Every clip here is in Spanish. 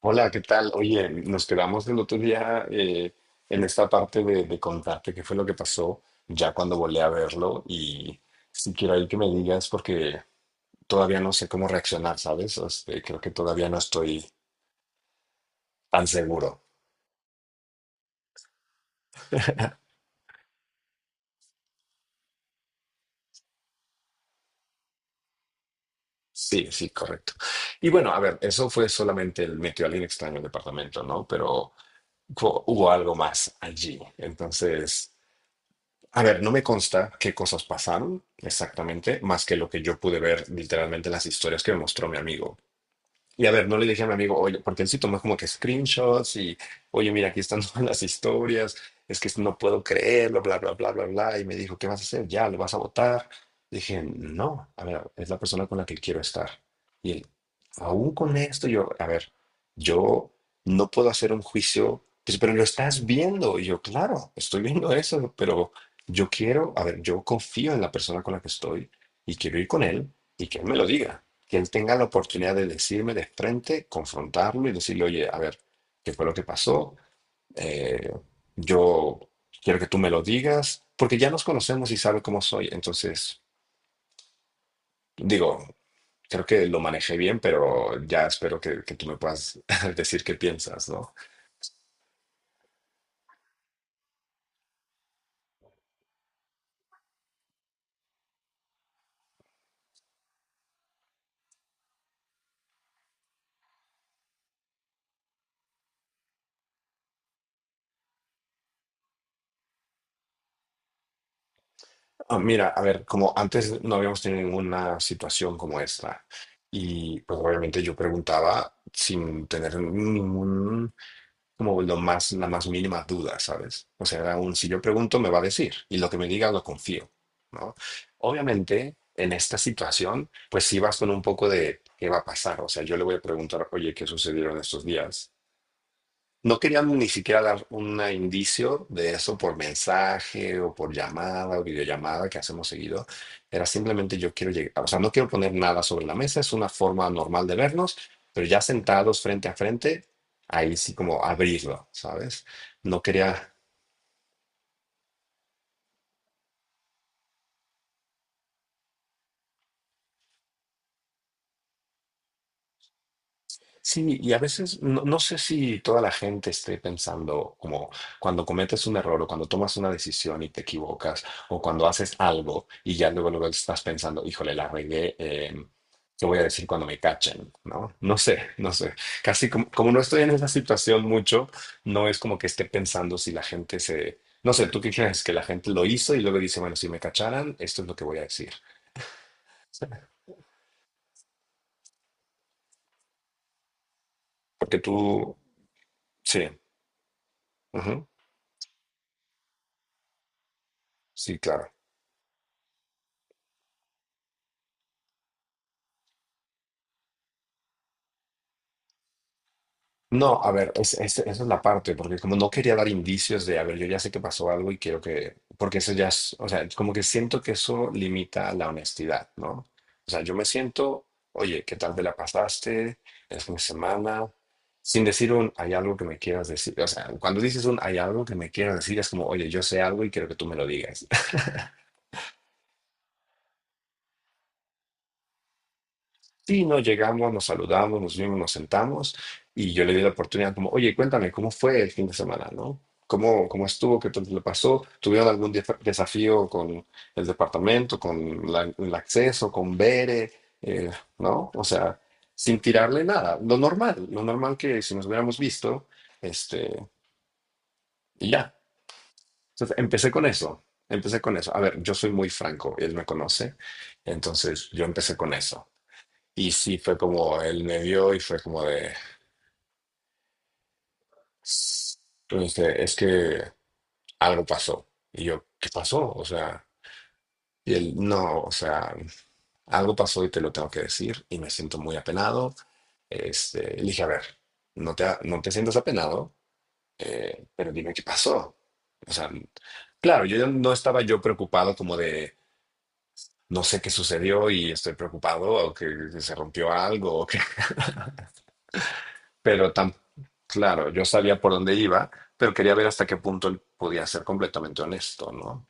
Hola, ¿qué tal? Oye, nos quedamos el otro día en esta parte de contarte qué fue lo que pasó ya cuando volé a verlo y si quiero ahí que me digas porque todavía no sé cómo reaccionar, ¿sabes? Este, creo que todavía no estoy tan seguro. Sí, sí, correcto. Y bueno, a ver, eso fue solamente el metió a alguien extraño en departamento, ¿no? Pero hubo algo más allí. Entonces... A ver, no me consta qué cosas pasaron exactamente, más que lo que yo pude ver literalmente en las historias que me mostró mi amigo. Y a ver, no le dije a mi amigo, oye, porque él sí tomó como que screenshots y, oye, mira, aquí están todas las historias, es que no puedo creerlo, bla, bla, bla, bla, bla. Y me dijo, ¿qué vas a hacer? Ya, ¿lo vas a votar? Dije, no, a ver, es la persona con la que quiero estar. Y él, aún con esto, yo, a ver, yo no puedo hacer un juicio, pues, pero lo estás viendo. Y yo, claro, estoy viendo eso, pero yo quiero, a ver, yo confío en la persona con la que estoy y quiero ir con él y que él me lo diga, que él tenga la oportunidad de decirme de frente, confrontarlo y decirle, oye, a ver, ¿qué fue lo que pasó? Eh, yo quiero que tú me lo digas, porque ya nos conocemos y sabe cómo soy. Entonces, digo, creo que lo manejé bien, pero ya espero que tú me puedas decir qué piensas, ¿no? Ah, mira, a ver, como antes no habíamos tenido ninguna situación como esta. Y pues obviamente yo preguntaba sin tener ningún, como lo más, la más mínima duda, ¿sabes? O sea, aún si yo pregunto, me va a decir, y lo que me diga lo confío, ¿no? Obviamente, en esta situación, pues sí vas con un poco de qué va a pasar, o sea, yo le voy a preguntar, oye, ¿qué sucedieron estos días? No querían ni siquiera dar un indicio de eso por mensaje o por llamada o videollamada que hacemos seguido. Era simplemente yo quiero llegar, o sea, no quiero poner nada sobre la mesa, es una forma normal de vernos, pero ya sentados frente a frente, ahí sí como abrirlo, ¿sabes? No quería. Sí, y a veces no sé si toda la gente esté pensando como cuando cometes un error o cuando tomas una decisión y te equivocas o cuando haces algo y ya luego, luego estás pensando, híjole, la regué, ¿qué voy a decir cuando me cachen? ¿No? No sé, no sé. Casi como, como no estoy en esa situación mucho, no es como que esté pensando si la gente se... No sé, ¿tú qué crees? Que la gente lo hizo y luego dice, bueno, si me cacharan, esto es lo que voy a decir. Sí. Porque tú... Sí. Ujú. Sí, claro. No, a ver, esa es la parte, porque como no quería dar indicios de, a ver, yo ya sé que pasó algo y quiero que, porque eso ya es, o sea, como que siento que eso limita la honestidad, ¿no? O sea, yo me siento, oye, ¿qué tal te la pasaste el fin de semana? Sin decir un, hay algo que me quieras decir. O sea, cuando dices un, hay algo que me quieras decir, es como, oye, yo sé algo y quiero que tú me lo digas. Sí, no, llegamos, nos saludamos, nos vimos, nos sentamos y yo le di la oportunidad como, oye, cuéntame, ¿cómo fue el fin de semana, no? ¿Cómo, cómo estuvo? ¿Qué tal le pasó? ¿Tuvieron algún desafío con el departamento, con el acceso, con Bere, eh, no? O sea, sin tirarle nada, lo normal que si nos hubiéramos visto, este, y ya. Entonces, empecé con eso, empecé con eso. A ver, yo soy muy franco, él me conoce, entonces yo empecé con eso. Y sí, fue como él me vio y fue como de, entonces, es que algo pasó. Y yo, ¿qué pasó? O sea, y él, no, o sea, algo pasó y te lo tengo que decir y me siento muy apenado. Este, le dije, a ver, no te, no te sientas apenado, pero dime qué pasó. O sea, claro, yo ya no estaba yo preocupado como de, no sé qué sucedió y estoy preocupado o que se rompió algo. Pero tan claro, yo sabía por dónde iba, pero quería ver hasta qué punto él podía ser completamente honesto, ¿no?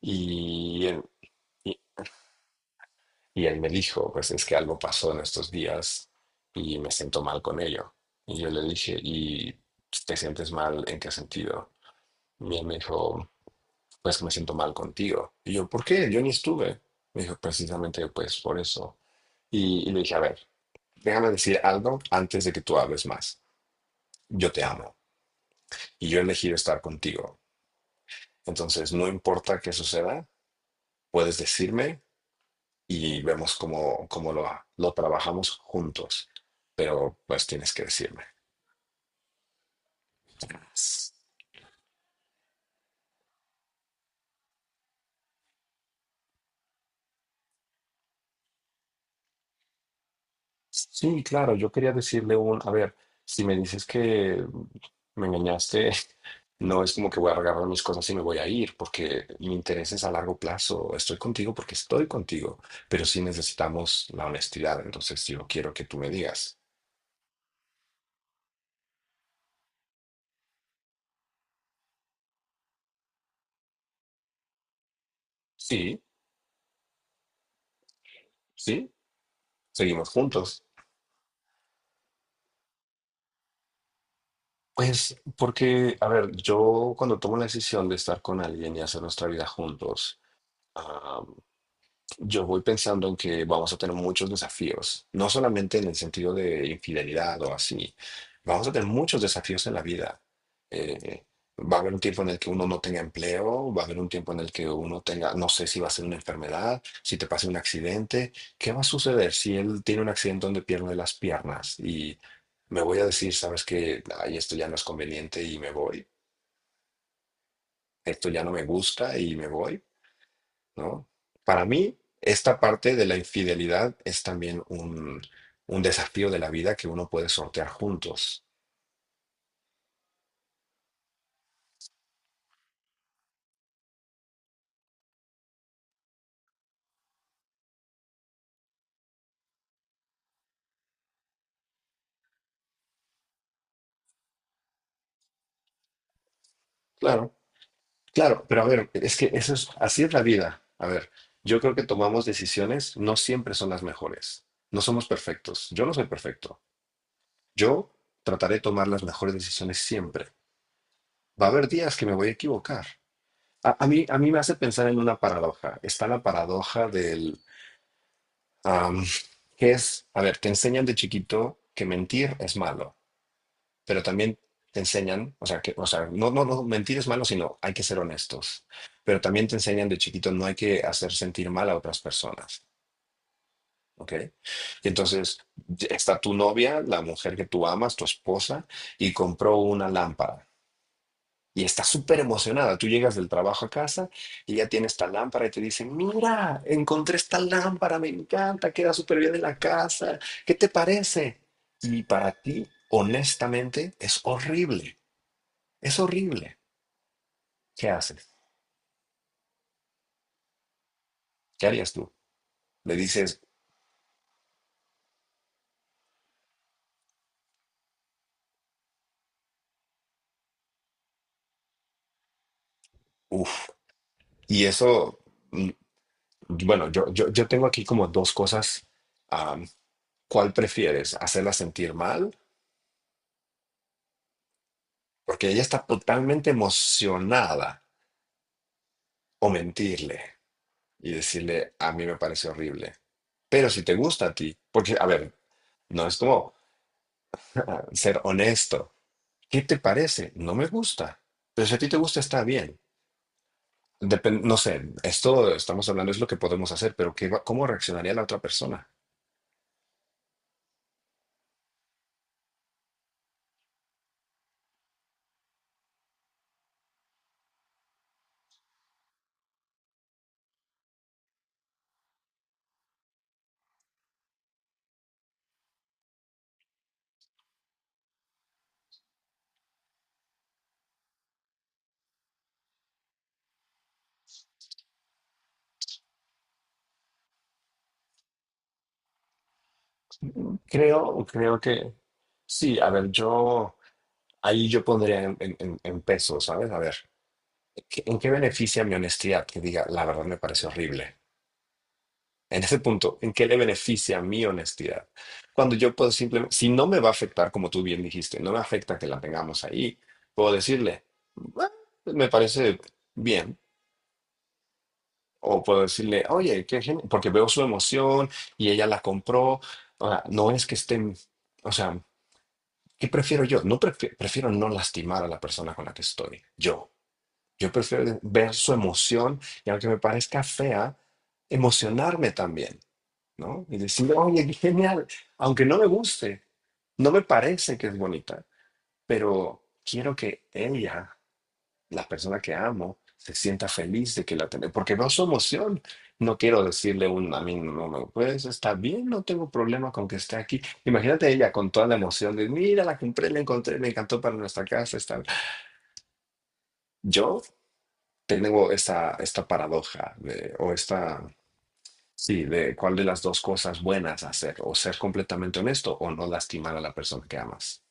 Y él, y, y él me dijo, pues es que algo pasó en estos días y me siento mal con ello. Y yo le dije, ¿y te sientes mal en qué sentido? Y él me dijo, pues que me siento mal contigo. Y yo, ¿por qué? Yo ni estuve. Me dijo, precisamente pues por eso. Y le dije, a ver, déjame decir algo antes de que tú hables más. Yo te amo y yo he elegido estar contigo. Entonces, no importa qué suceda, puedes decirme y vemos cómo, cómo lo trabajamos juntos, pero pues tienes que decirme. Sí, claro, yo quería decirle un, a ver, si me dices que me engañaste, no es como que voy a agarrar mis cosas y me voy a ir, porque mi interés es a largo plazo, estoy contigo porque estoy contigo, pero sí necesitamos la honestidad, entonces yo quiero que tú me digas, sí, sí, seguimos juntos. Pues porque, a ver, yo cuando tomo la decisión de estar con alguien y hacer nuestra vida juntos, yo voy pensando en que vamos a tener muchos desafíos, no solamente en el sentido de infidelidad o así, vamos a tener muchos desafíos en la vida. Eh, va a haber un tiempo en el que uno no tenga empleo, va a haber un tiempo en el que uno tenga, no sé si va a ser una enfermedad, si te pasa un accidente, ¿qué va a suceder si él tiene un accidente donde pierde las piernas y me voy a decir, sabes que, ay, esto ya no es conveniente y me voy, esto ya no me gusta y me voy? ¿No? Para mí, esta parte de la infidelidad es también un desafío de la vida que uno puede sortear juntos. Claro, claro, pero a ver, es que eso es, así es la vida. A ver, yo creo que tomamos decisiones, no siempre son las mejores. No somos perfectos. Yo no soy perfecto. Yo trataré de tomar las mejores decisiones siempre. Va a haber días que me voy a equivocar. A mí me hace pensar en una paradoja. Está la paradoja del Am, que es, a ver, te enseñan de chiquito que mentir es malo, pero también te enseñan, o sea, que, o sea, no, mentir es malo, sino hay que ser honestos, pero también te enseñan de chiquito no hay que hacer sentir mal a otras personas, ¿ok? Y entonces ya está tu novia, la mujer que tú amas, tu esposa, y compró una lámpara. Y está súper emocionada. Tú llegas del trabajo a casa y ya tiene esta lámpara y te dice, mira, encontré esta lámpara, me encanta, queda súper bien en la casa, ¿qué te parece? Y para ti, honestamente, es horrible, es horrible. ¿Qué haces? ¿Qué harías tú? Le dices, uff, y eso, mm, bueno, yo tengo aquí como dos cosas. am, ¿Cuál prefieres? ¿Hacerla sentir mal? Porque ella está totalmente emocionada, o mentirle. Y decirle, a mí me parece horrible. Pero si te gusta a ti, porque, a ver, no es como, ah, ser honesto. ¿Qué te parece? No me gusta. Pero si a ti te gusta, está bien. No sé, esto estamos hablando es lo que podemos hacer, pero ¿cómo reaccionaría la otra persona? Creo que sí. A ver, yo ahí yo pondría en pesos, ¿sabes? A ver, ¿en qué beneficia mi honestidad? Que diga, la verdad me parece horrible. En ese punto, ¿en qué le beneficia mi honestidad? Cuando yo puedo simplemente, si no me va a afectar, como tú bien dijiste, no me afecta que la tengamos ahí, puedo decirle, "Ah, me parece bien", o puedo decirle, oye, qué genial, porque veo su emoción y ella la compró. O sea, no es que estén, o sea, ¿qué prefiero yo? No prefiero no lastimar a la persona con la que estoy, yo. Yo prefiero ver su emoción y, aunque me parezca fea, emocionarme también. ¿No? Y decir, oye, qué genial, aunque no me guste, no me parece que es bonita, pero quiero que ella, la persona que amo, se sienta feliz de que la tenemos, porque veo su emoción. No quiero decirle un, a mí no, pues está bien, no tengo problema con que esté aquí. Imagínate ella con toda la emoción de, mira, la compré, la encontré, me encantó para nuestra casa. Está... bien. Yo tengo esta paradoja de- o esta. Sí, de cuál de las dos cosas buenas hacer, o ser completamente honesto o no lastimar a la persona que amas.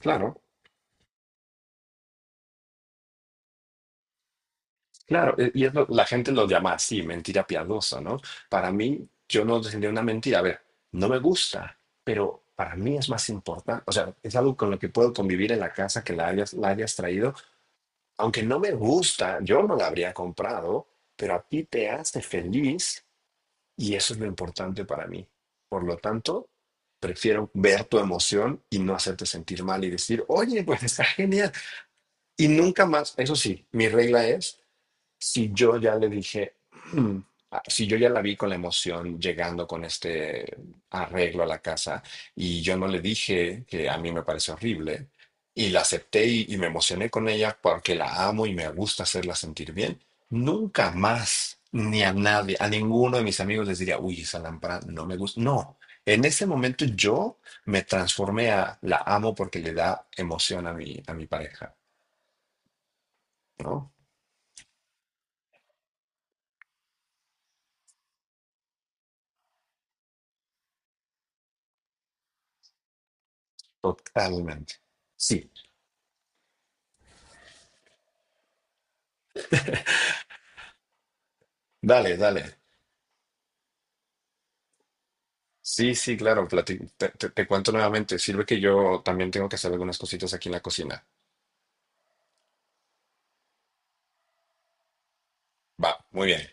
Claro, claro, y es la gente lo llama así, mentira piadosa, ¿no? Para mí, yo no tendría una mentira, a ver, no me gusta, pero para mí es más importante, o sea, es algo con lo que puedo convivir en la casa que la hayas traído, aunque no me gusta, yo no la habría comprado, pero a ti te hace feliz. Y eso es lo importante para mí. Por lo tanto, prefiero ver tu emoción y no hacerte sentir mal y decir, oye, pues está genial. Y nunca más, eso sí, mi regla es, si yo ya le dije, "Mm", ah, si yo ya la vi con la emoción llegando con este arreglo a la casa y yo no le dije que a mí me parece horrible y la acepté y me emocioné con ella porque la amo y me gusta hacerla sentir bien, nunca más ni a nadie, a ninguno de mis amigos les diría, uy, esa lámpara no me gusta. No. En ese momento yo me transformé a la amo porque le da emoción a mi pareja, ¿no? Totalmente. Sí. Dale, dale. Sí, sí, claro, te cuento nuevamente. Sirve que yo también tengo que hacer algunas cositas aquí en la cocina. Va, muy bien.